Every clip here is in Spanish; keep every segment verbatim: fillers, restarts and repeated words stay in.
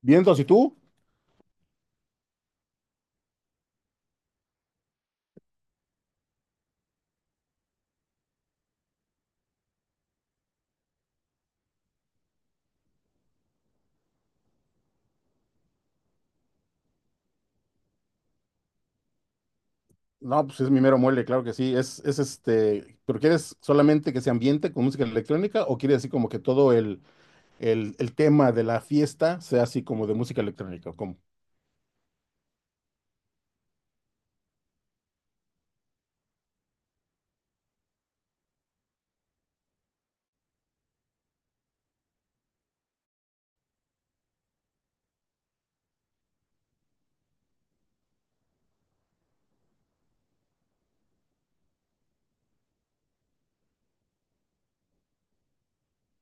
Vientos, ¿y tú? No, pues es mi mero muele, claro que sí. Es, es este, pero ¿quieres solamente que se ambiente con música electrónica o quieres así como que todo el, el, el tema de la fiesta sea así como de música electrónica? ¿O cómo?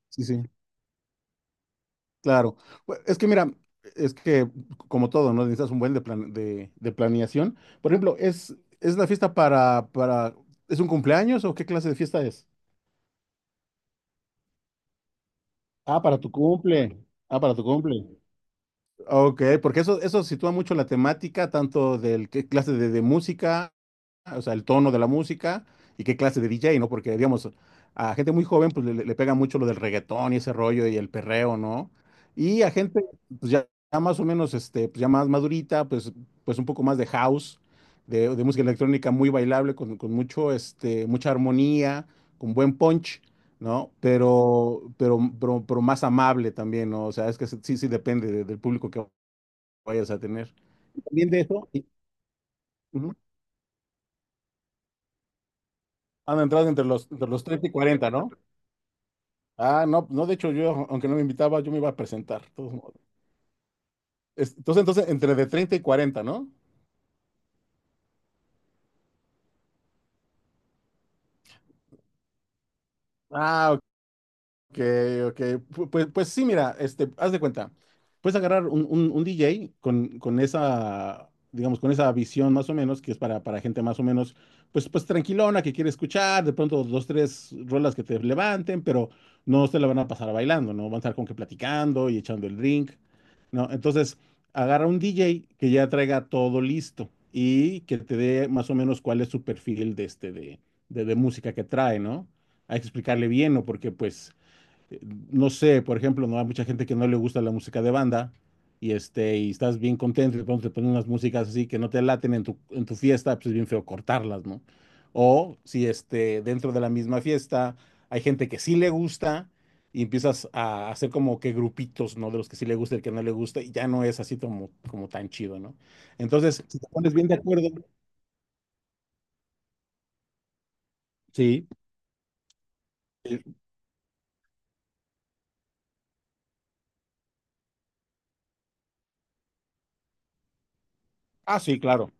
Sí, sí, claro. Bu- Es que mira. Es que, Como todo, ¿no? Necesitas un buen de, plan- de, de planeación. Por ejemplo, ¿es, es la fiesta para, para, ¿es un cumpleaños o qué clase de fiesta es? Ah, para tu cumple. Ah, para tu cumple. Ok, porque eso, eso sitúa mucho la temática, tanto del qué clase de, de música, o sea, el tono de la música y qué clase de D J, ¿no? Porque, digamos, a gente muy joven, pues le, le- le pega mucho lo del reggaetón y ese rollo y el perreo, ¿no? Y a gente, pues ya, ya más o menos, este, pues ya más madurita, pues, pues un poco más de house, de, de música electrónica muy bailable, con, con mucho, este, mucha armonía, con buen punch. ¿No? Pero, pero, pero, pero más amable también, ¿no? O sea, es que sí, sí depende de- del público que vayas a tener. También de eso, y- Ujú, han entrado entre los, entre los treinta y cuarenta, ¿no? Ah, no, no, de hecho yo, aunque no me invitaba, yo me iba a presentar, de todos modos. Es- Entonces, entonces, entre de treinta y cuarenta, ¿no? Ah, ok, ok. Pu- Pues, pues sí, mira, este, haz de cuenta. Puedes agarrar un, un- un D J con, con esa, digamos, con esa visión más o menos, que es para, para gente más o menos, pues, pues tranquilona, que quiere escuchar, de pronto dos, tres rolas que te levanten, pero no se la van a pasar bailando, ¿no? Van a estar con que platicando y echando el drink, ¿no? Entonces, agarra un D J que ya traiga todo listo y que te dé más o menos cuál es su perfil de este, de, de, de música que trae, ¿no? Hay que explicarle bien, ¿no? Porque pues eh, no sé, por ejemplo, no hay mucha gente que no le gusta la música de banda y este y estás bien contento y de pronto te ponen unas músicas así que no te laten en tu, en tu fiesta, pues es bien feo cortarlas, ¿no? O si este dentro de la misma fiesta hay gente que sí le gusta y empiezas a hacer como que grupitos, ¿no? De los que sí le gusta y el que no le gusta y ya no es así como, como tan chido, ¿no? Entonces, si te pones bien de acuerdo, sí, ah, sí, claro.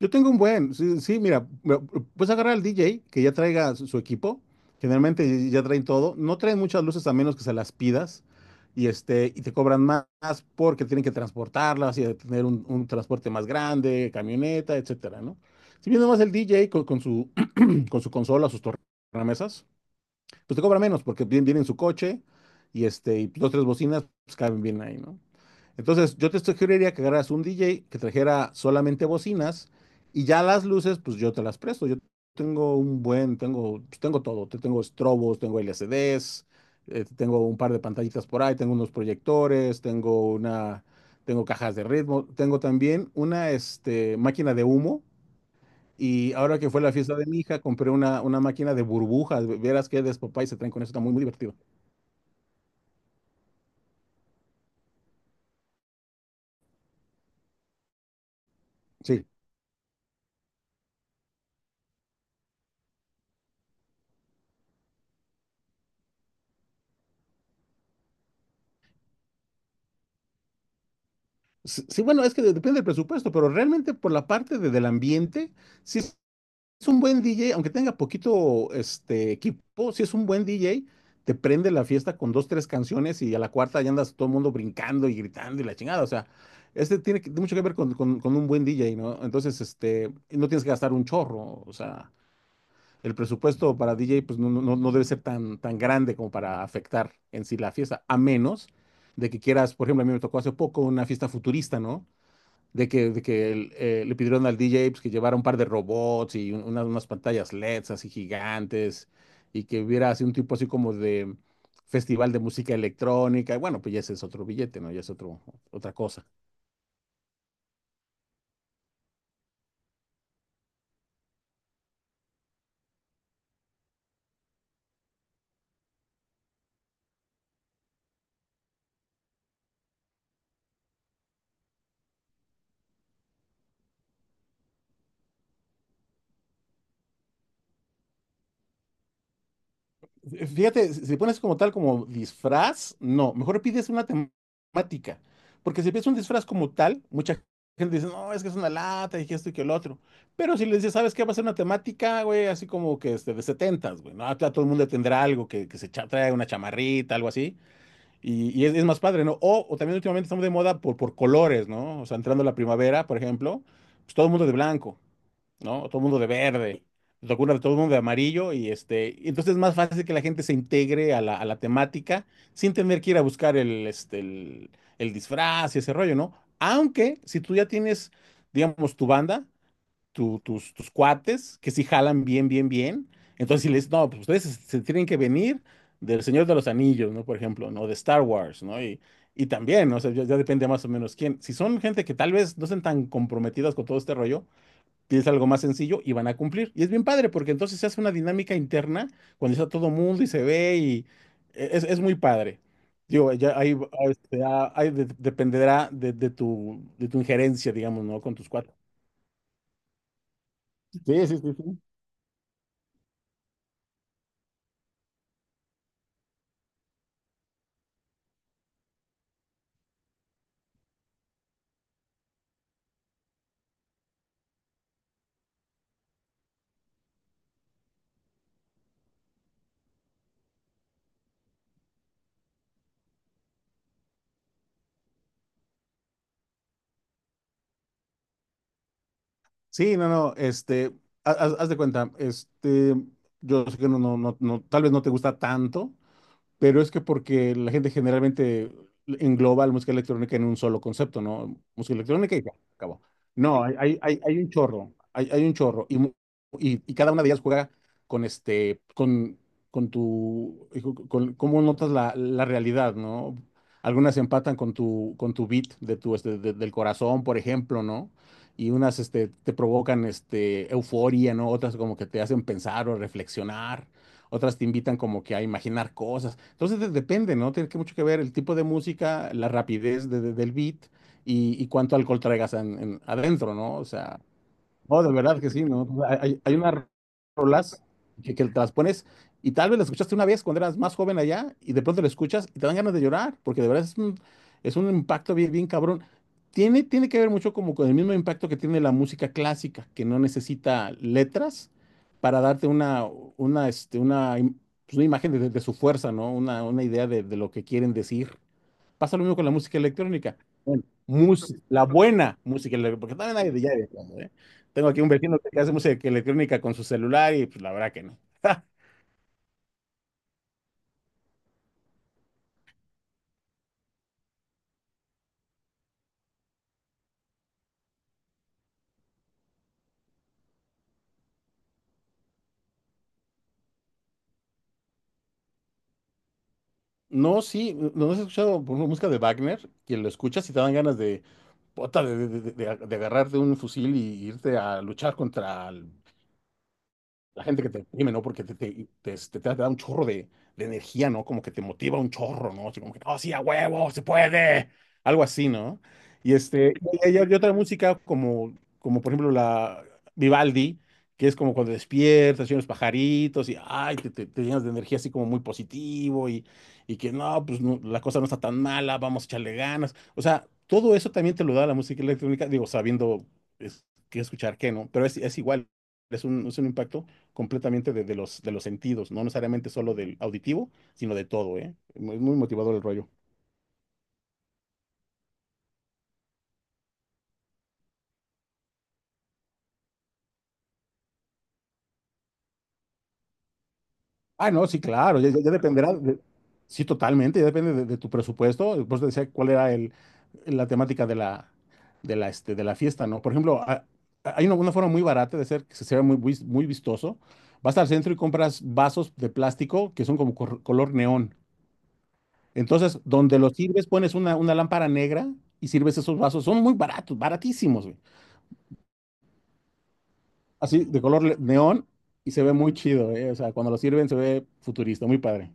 Yo tengo un buen, sí, sí, mira, bueno, puedes agarrar al D J que ya traiga su, su equipo, generalmente ya traen todo, no traen muchas luces a menos que se las pidas y, este, y te cobran más porque tienen que transportarlas y de tener un, un transporte más grande, camioneta, etcétera, ¿no? Si viene más el D J con, con su, con su consola, sus tornamesas, pues te cobra menos porque viene, viene en su coche y este, y dos, tres bocinas, pues caben bien ahí, ¿no? Entonces, yo te sugeriría que agarras un D J que trajera solamente bocinas y ya las luces, pues yo te las presto. Yo tengo un buen, tengo, pues, tengo todo. Te- Tengo estrobos, tengo L C Ds, eh, tengo un par de pantallitas por ahí, tengo unos proyectores, tengo una, tengo cajas de ritmo, tengo también una, este, máquina de humo y ahora que fue la fiesta de mi hija, compré una, una máquina de burbujas. ve- Verás qué despapá y se traen con eso. Está muy, muy divertido. Sí. S- Sí, bueno, es que de- depende del presupuesto, pero realmente por la parte de- del ambiente, si es es un buen D J, aunque tenga poquito, este, equipo, si es un buen D J, te prende la fiesta con dos, tres canciones y a la cuarta ya andas todo el mundo brincando y gritando y la chingada. O sea, este tiene que- mucho que ver con, con- con un buen D J, ¿no? Entonces, este, no tienes que gastar un chorro. O sea, el presupuesto para D J pues no, no, no no debe ser tan, tan grande como para afectar en sí la fiesta, a menos de que quieras, por ejemplo, a mí me tocó hace poco una fiesta futurista, ¿no? De que, de que el- eh, le pidieron al D J pues, que llevara un par de robots y un- unas, unas pantallas L E Ds así gigantes y que hubiera así un tipo así como de festival de música electrónica. Y bueno, pues ya ese es otro billete, ¿no? Ya es otro, otra cosa. Fíjate, si si pones como tal, como disfraz, no, mejor pides una temática, porque si pides un disfraz como tal, mucha gente dice, no, es que es una lata y que esto y que el otro, pero si le dices, ¿sabes qué? Va a ser una temática, güey, así como que este, de setentas, güey, ¿no? Ah, claro, todo el mundo tendrá algo que, que se cha- trae una chamarrita, algo así, y, y es, es más padre, ¿no? O, o también últimamente estamos de moda por, por colores, ¿no? O sea, entrando la primavera, por ejemplo, pues todo el mundo de blanco. ¿No? Todo el mundo de verde, te ocurre todo el mundo de amarillo y este, y entonces es más fácil que la gente se integre a la, a la temática sin tener que ir a buscar el, este, el, el disfraz y ese rollo, ¿no? Aunque si tú ya tienes, digamos, tu banda, tu- tus, tus cuates, que si jalan bien, bien, bien, entonces si les, no, pues ustedes se, se tienen que venir del Señor de los Anillos, ¿no? Por ejemplo, ¿no? De Star Wars, ¿no? Y, y también, ¿no? O sea, ya ya depende más o menos quién. Si son gente que tal vez no estén tan comprometidas con todo este rollo, tienes algo más sencillo y van a cumplir. Y es bien padre porque entonces se hace una dinámica interna cuando está todo mundo y se ve y e, es, es muy padre. Digo, ya ahí, va- ah, este, ah, ahí de- dependerá de, de tu, de tu injerencia, digamos, ¿no? Con tus cuatro. Sí, sí, sí, sí. Sí, no, no, este, ha- haz, haz de cuenta, este, yo sé que no, no, no, no, tal vez no te gusta tanto, pero es que porque la gente generalmente engloba la música electrónica en un solo concepto, ¿no? Música electrónica y ya, acabó. No, hay, hay, hay- hay un chorro, hay, hay un chorro. Y, mu- y, y cada una de ellas juega con este, con, con tu, eh, con, cómo notas la, la realidad, ¿no? Algunas empatan con tu, con tu beat de tu, este, de- del corazón, por ejemplo, ¿no? Y unas, este, te provocan, este, euforia, ¿no? Otras como que te hacen pensar o reflexionar. Otras te invitan como que a imaginar cosas. Entonces de- depende, ¿no? Tiene que mucho que ver el tipo de música, la rapidez de- de- del beat y, y cuánto alcohol traigas en- en- adentro, ¿no? O sea, no, de verdad que sí, ¿no? Hay, hay unas rolas que, que te las pones y tal vez las escuchaste una vez cuando eras más joven allá y de pronto la escuchas y te dan ganas de llorar, porque de verdad es un, es un impacto bien, bien cabrón. Tiene, tiene que ver mucho como con el mismo impacto que tiene la música clásica, que no necesita letras para darte una, una, este, una, im- pues, una imagen de, de- su fuerza, ¿no? Una, una idea de, de lo que quieren decir. Pasa lo mismo con la música electrónica. Bueno, música, la buena música electrónica, porque también hay de ya de fondo, ¿eh? Tengo aquí un vecino que hace música electrónica con su celular y pues la verdad que no. No, sí, no has escuchado por ejemplo, música de Wagner, quien lo escucha si te dan ganas de, puta, de, de, de- de de agarrarte un fusil y irte a luchar contra el la gente que te deprime, ¿no? Porque te, te, te, te- este, te da un chorro de, de energía, ¿no? Como que te motiva un chorro, ¿no? Así como que, oh, sí, a huevo, se puede. Algo así, ¿no? Y este, y, y- y otra música como, como por ejemplo la Vivaldi, que es como cuando despiertas y los pajaritos y, ay, te, te- te llenas de energía así como muy positivo y, y que no, pues no, la cosa no está tan mala, vamos a echarle ganas. O sea, todo eso también te lo da la música electrónica, digo, sabiendo es- qué escuchar, qué no, pero es, es igual, es un, es un impacto completamente de, de los, de los sentidos, no necesariamente solo del auditivo, sino de todo, ¿eh? Muy- muy motivador el rollo. Ah, no, sí, claro, ya, ya- ya dependerá, de- sí, totalmente, ya depende de, de tu presupuesto. Por eso decía cuál era el, la temática de la, de la, este, de la fiesta, ¿no? Por ejemplo, a- a- hay una, una forma muy barata de hacer que se vea muy, vis- muy vistoso. Vas al centro y compras vasos de plástico que son como cor- color neón. Entonces, donde los sirves, pones una, una lámpara negra y sirves esos vasos. Son muy baratos, baratísimos, güey. Así de color neón y se ve muy chido, ¿eh? O sea, cuando lo sirven se ve futurista, muy padre.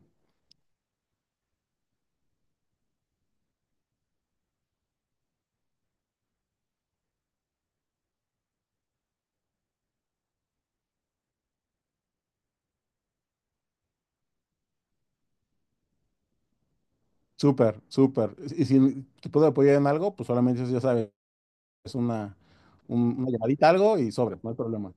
Súper, súper. Y si te puedo apoyar en algo, pues solamente ya sabes, es una, un- una llamadita, algo y sobre, no hay problema.